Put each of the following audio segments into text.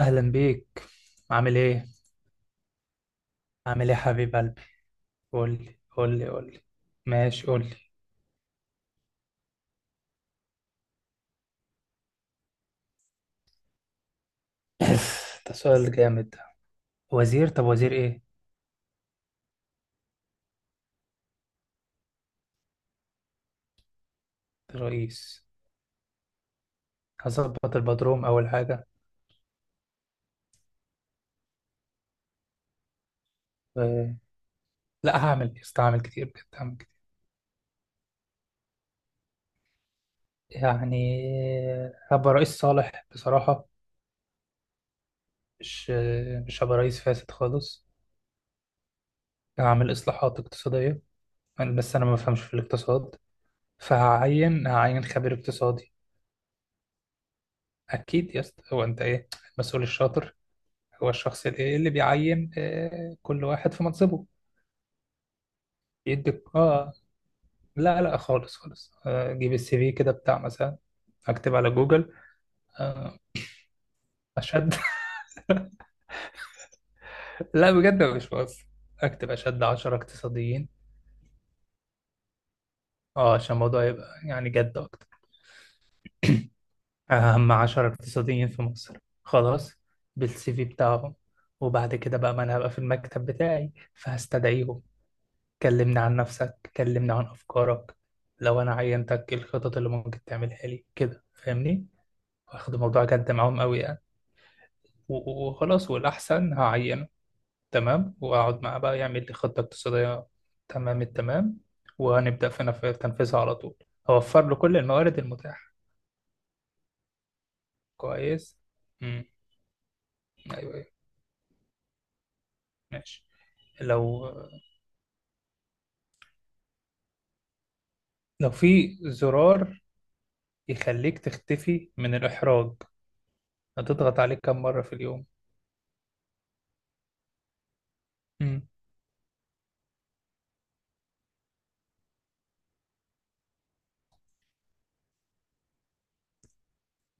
اهلا بيك. عامل ايه؟ عامل ايه يا حبيب قلبي؟ قول لي، قول لي، قول لي. ماشي، قول لي. ده سؤال جامد ده. وزير؟ طب وزير ايه؟ رئيس. هظبط البدروم اول حاجه. و... لا استعمل كتير، بجد هعمل كتير. يعني هبقى رئيس صالح بصراحه. مش مش هبقى رئيس فاسد خالص. هعمل اصلاحات اقتصاديه. بس انا ما بفهمش في الاقتصاد، فهعين خبير اقتصادي. اكيد يا اسطى. هو انت ايه؟ المسؤول الشاطر هو الشخص اللي بيعين، كل واحد في منصبه. يديك اه. لا لا، خالص خالص، اجيب السي في كده بتاع مثلا، اكتب على جوجل. آه، اشد. لا بجد مش بهزر. اكتب اشد 10 اقتصاديين. اه عشان الموضوع يبقى يعني جد اكتر. اهم 10 اقتصاديين في مصر، خلاص. بالسي في بتاعهم. وبعد كده بقى ما انا هبقى في المكتب بتاعي، فهستدعيهم. كلمني عن نفسك، كلمني عن أفكارك. لو أنا عينتك إيه الخطط اللي ممكن تعملها لي كده؟ فاهمني؟ واخد الموضوع جد معاهم قوي يعني. وخلاص، والأحسن هعينه. تمام. وأقعد معاه بقى يعمل لي خطة اقتصادية. تمام التمام. وهنبدأ في تنفيذها على طول. أوفر له كل الموارد المتاحة. كويس. امم. أيوه، أيوه، ماشي. لو لو في زرار يخليك تختفي من الإحراج، هتضغط عليه كم مرة في اليوم؟ امم.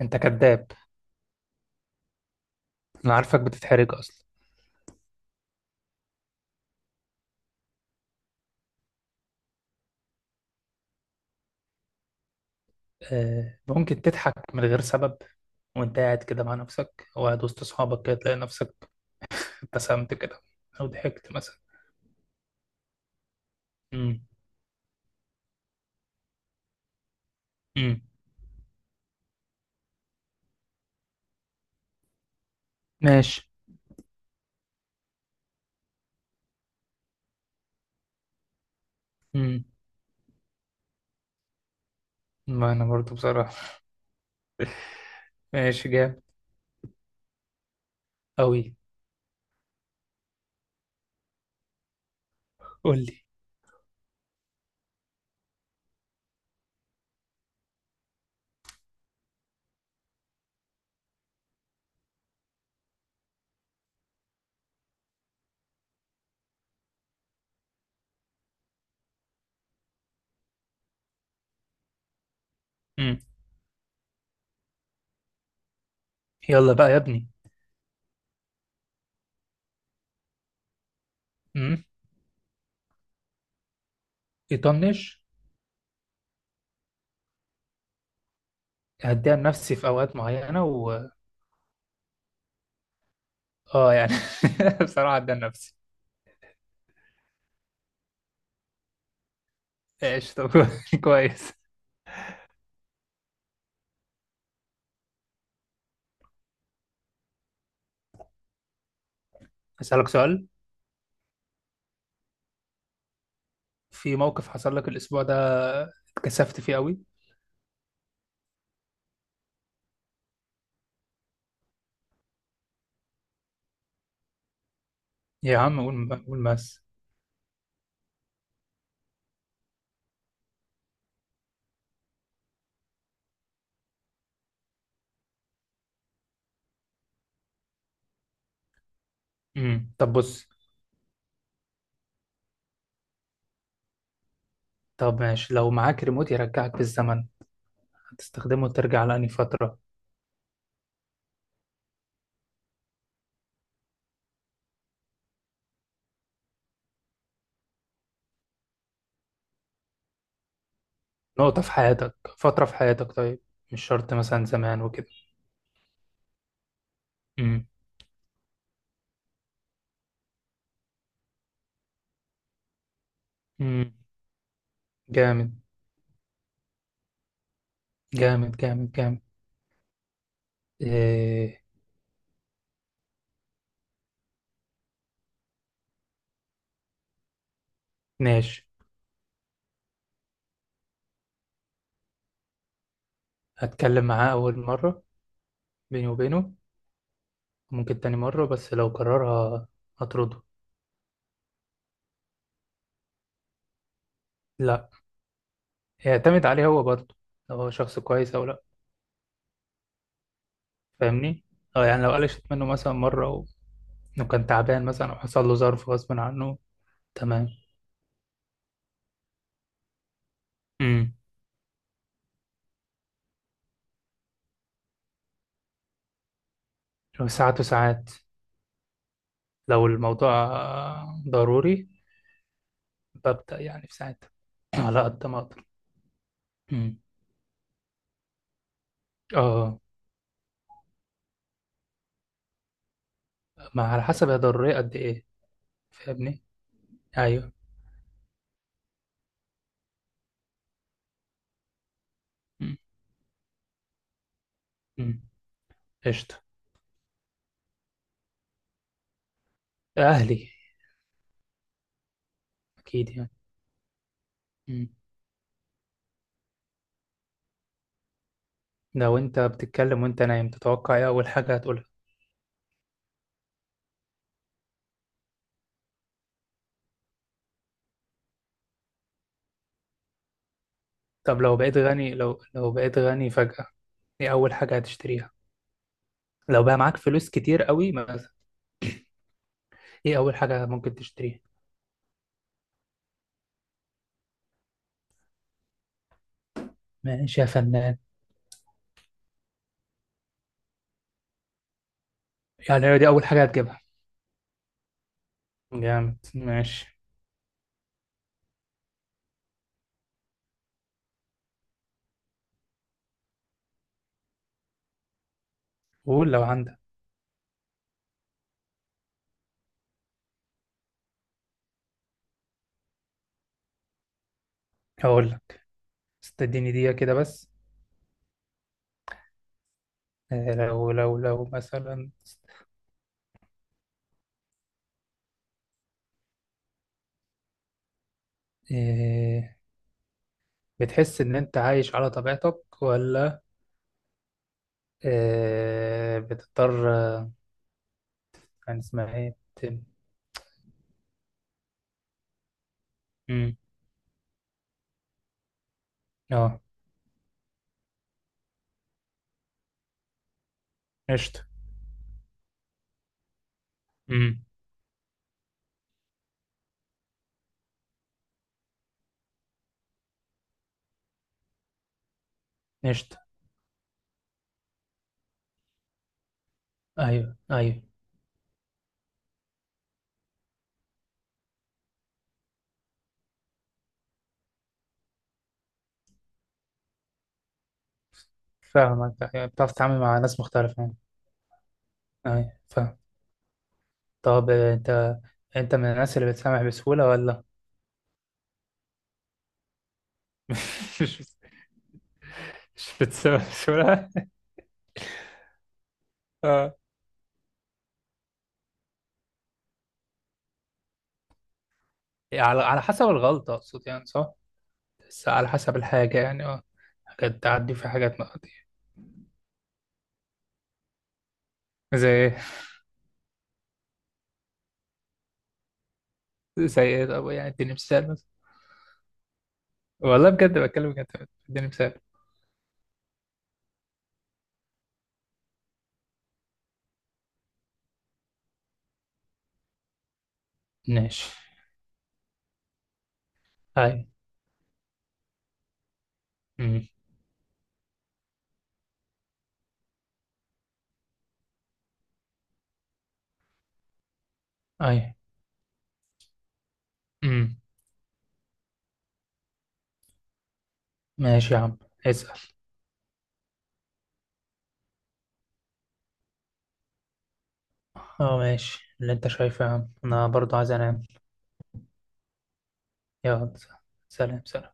أنت كذاب. انا عارفك بتتحرج اصلا. ممكن تضحك من غير سبب وانت قاعد كده مع نفسك، او قاعد وسط اصحابك كده تلاقي نفسك ابتسمت كده، او ضحكت مثلا. امم، امم. ماشي. امم. ما انا برضو بصراحة. ماشي جامد. قوي. قول لي. امم. يلا بقى يا ابني. امم. يطنش. هديها لنفسي في اوقات معينة. اه يعني بصراحة هديها لنفسي. ماشي طب. كويس. اسالك سؤال. في موقف حصل لك الاسبوع ده اتكسفت فيه قوي؟ يا عم قول، قول بس. امم، طب بص. طب ماشي، لو معاك ريموت يرجعك بالزمن، هتستخدمه ترجع لأنهي فترة؟ نقطة في حياتك، فترة في حياتك، طيب، مش شرط مثلا زمان وكده. امم، امم. جامد، جامد، جامد، جامد. إيه. ماشي، هتكلم معاه أول مرة بيني وبينه. ممكن تاني مرة، بس لو قررها هطرده. لا. يعتمد عليه هو برضه، لو هو شخص كويس أو لا. فاهمني؟ اه يعني لو قلشت منه مثلا مرة، لو كان تعبان مثلا أو حصل له ظرف غصب عنه. تمام. امم. لو ساعات وساعات، لو الموضوع ضروري، ببدأ يعني في ساعتها، على قد ما أقدر. امم. اه. ما على حسب هي ضرورية قد إيه. فاهمني؟ أيوه. امم، امم، قشطة. أهلي. أكيد يعني. امم. لو أنت بتتكلم وأنت نايم، تتوقع إيه أول حاجة هتقولها؟ طب لو بقيت غني، لو بقيت غني فجأة، إيه أول حاجة هتشتريها؟ لو بقى معاك فلوس كتير قوي مثلا، إيه أول حاجة ممكن تشتريها؟ ماشي يا فنان. يعني دي أول حاجة هتجيبها؟ جامد، ماشي. قول لو عندك. هقول لك. استديني دقيقة كده بس. لو مثلا، آه، بتحس إن أنت عايش على طبيعتك، ولا بتضطر، كان اسمها إيه؟ مم. أه، قشطة. مم. قشطة. أيوه، أيوه، فاهمك. أيوة، بتعرف تتعامل مع ناس مختلفة يعني. أيوه، فاهم. طب أنت من الناس اللي بتسامح بسهولة ولا؟ مش مش بتسوى. اه. إيه، على حسب الغلطة أقصد يعني، صح؟ بس على حسب الحاجة يعني، اه. حاجات تعدي، في حاجات ما تعدي. زي ايه؟ زي ايه؟ طب يعني اديني مثال مثلا. والله بجد، بتكلم بجد، اديني مثال. ماشي. أي، أمم. أي، أمم. ماشي يا عم. اسأل. اه ماشي، اللي انت شايفه يا عم، انا برضو عايز انام. يلا. سلام، سلام.